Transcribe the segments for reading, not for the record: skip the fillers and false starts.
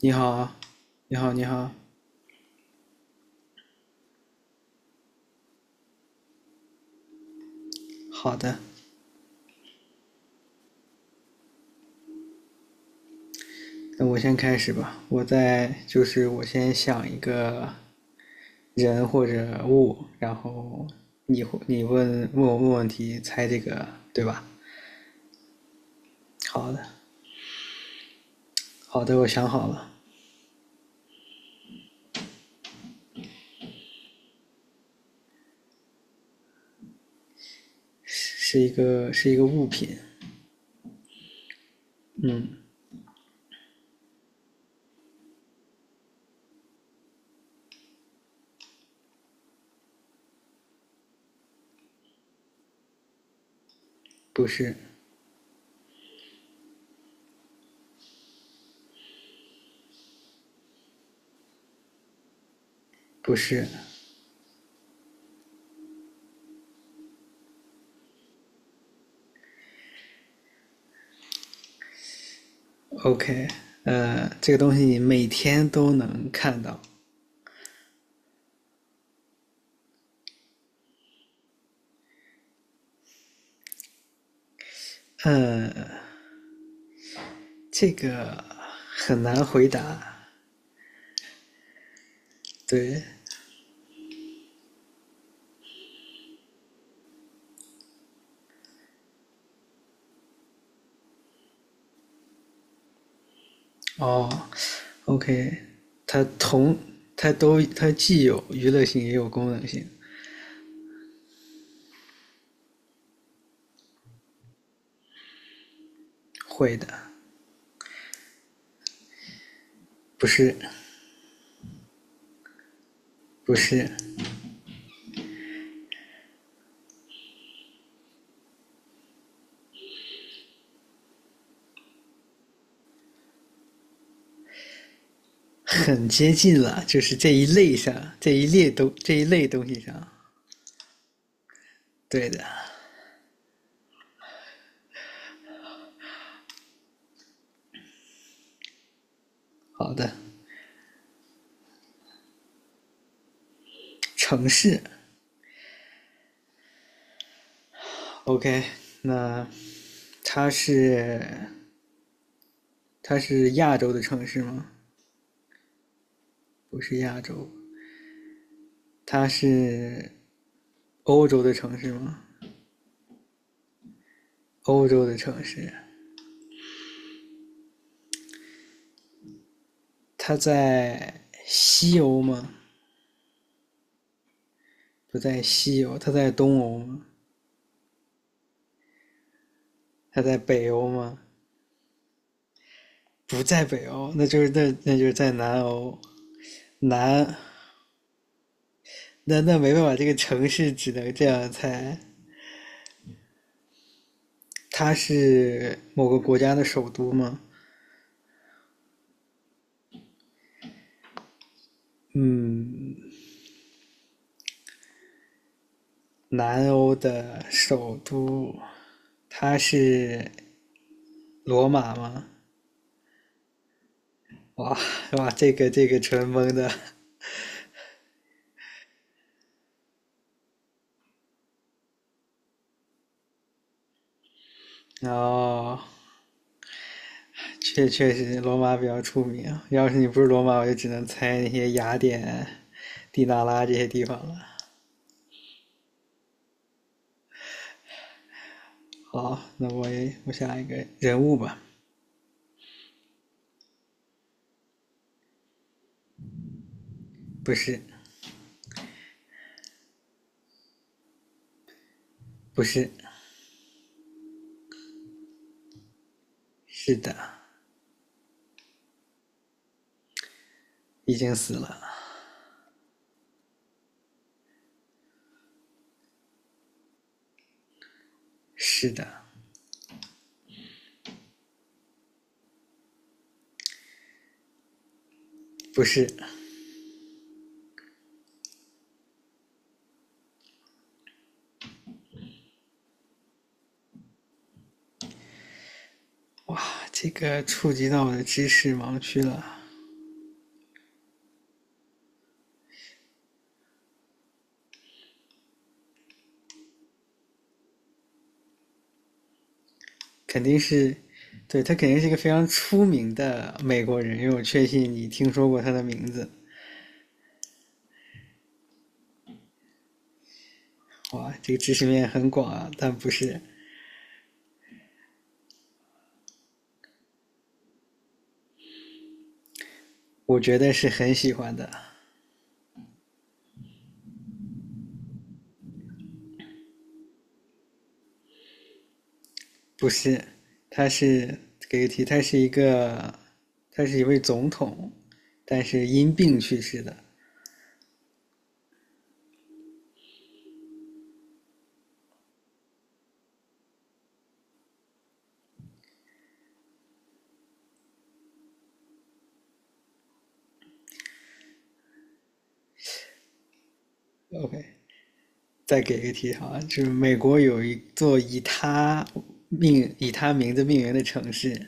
你好，你好，你好，好的，那我先开始吧。我在就是我先想一个人或者物，然后你问问我问问题，猜这个对吧？好的，好的，我想好了，是是一个是一个物品，不是，不是，OK，这个东西你每天都能看到，这个很难回答，对。哦，OK，它同它都它既有娱乐性也有功能性，会的，不是，不是，很接近了，就是这一类东西上，对的，好的，城市，OK，那它是它是亚洲的城市吗？不是亚洲，它是欧洲的城市吗？欧洲的城市，它在西欧吗？不在西欧，它在东欧吗？它在北欧吗？不在北欧，那就是在南欧。南那没办法，这个城市只能这样猜。它是某个国家的首都吗？嗯，南欧的首都，它是罗马吗？哇哇，这个纯蒙的。哦，确实罗马比较出名啊，要是你不是罗马，我就只能猜那些雅典。迪达拉这些地方了。好，那我想一个人物吧，不是，不是，是的，已经死了，是的，不是，哇，这个触及到我的知识盲区了，肯定是，对他肯定是一个非常出名的美国人，因为我确信你听说过他的名字。哇，这个知识面很广啊，但不是，我觉得是很喜欢的，不是，他是给个题，他是一个，他是一位总统，但是因病去世的。OK，再给个题哈，就是美国有一座以他命以他名字命名的城市，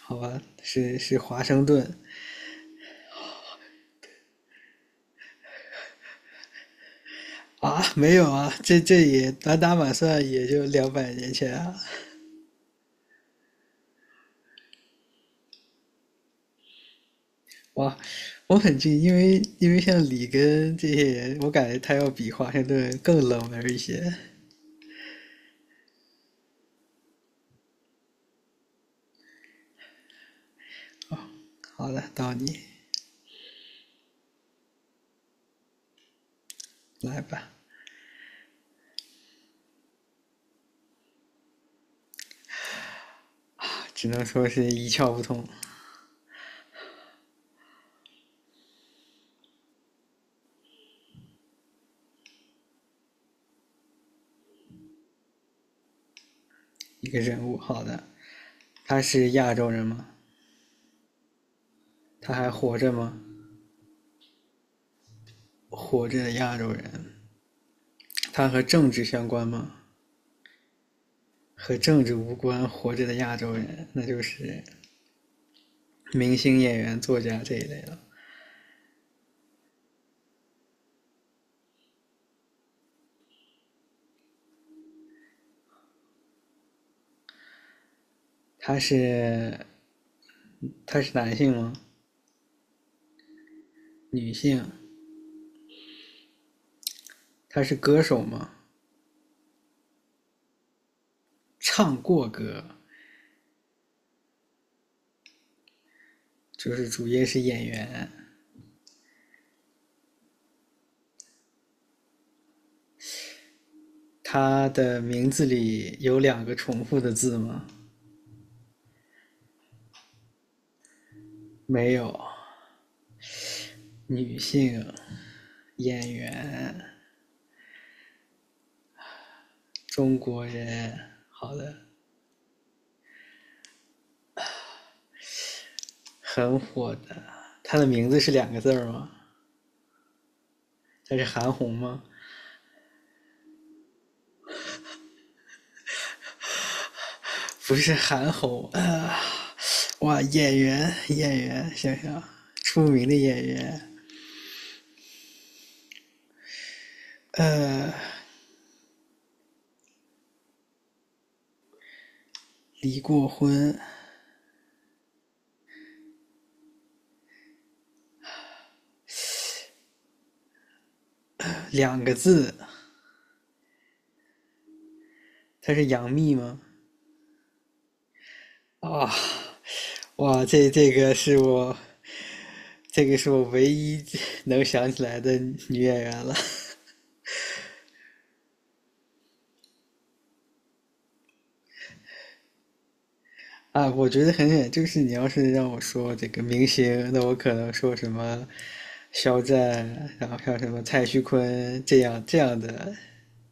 好吧，是华盛顿啊？没有啊，这也满打满算也就200年前啊。哇，我很近，因为像里根这些人，我感觉他要比华盛顿更冷门一些。好的，到你来吧。只能说是一窍不通一个人物。好的，他是亚洲人吗？他还活着吗？活着的亚洲人，他和政治相关吗？和政治无关，活着的亚洲人，那就是明星、演员、作家这一类了。他是他是男性吗？女性？他是歌手吗？唱过歌，就是主业是演员。他的名字里有两个重复的字吗？没有。女性，演员，中国人，好的，很火的。他的名字是两个字儿吗？他是韩红吗？不是韩红啊！哇，演员，演员，想想，出名的演员，离过婚，两个字。他是杨幂吗？啊，哇，这个是我，这个是我唯一能想起来的女演员了。啊，我觉得很简就是你要是让我说这个明星，那我可能说什么肖战，然后像什么蔡徐坤这样这样的，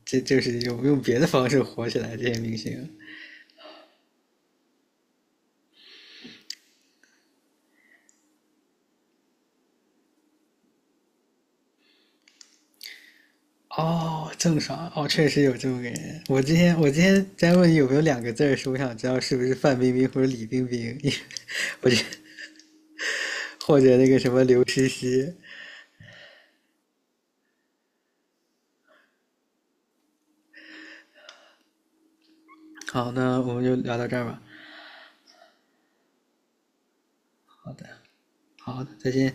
这就是用别的方式火起来这些明星。哦，郑爽，哦，确实有这么个人。我今天在问你有没有两个字儿，是我想知道是不是范冰冰或者李冰冰，因为我觉得或者那个什么刘诗诗。好，那我们就聊到这儿吧。好的，好的，再见。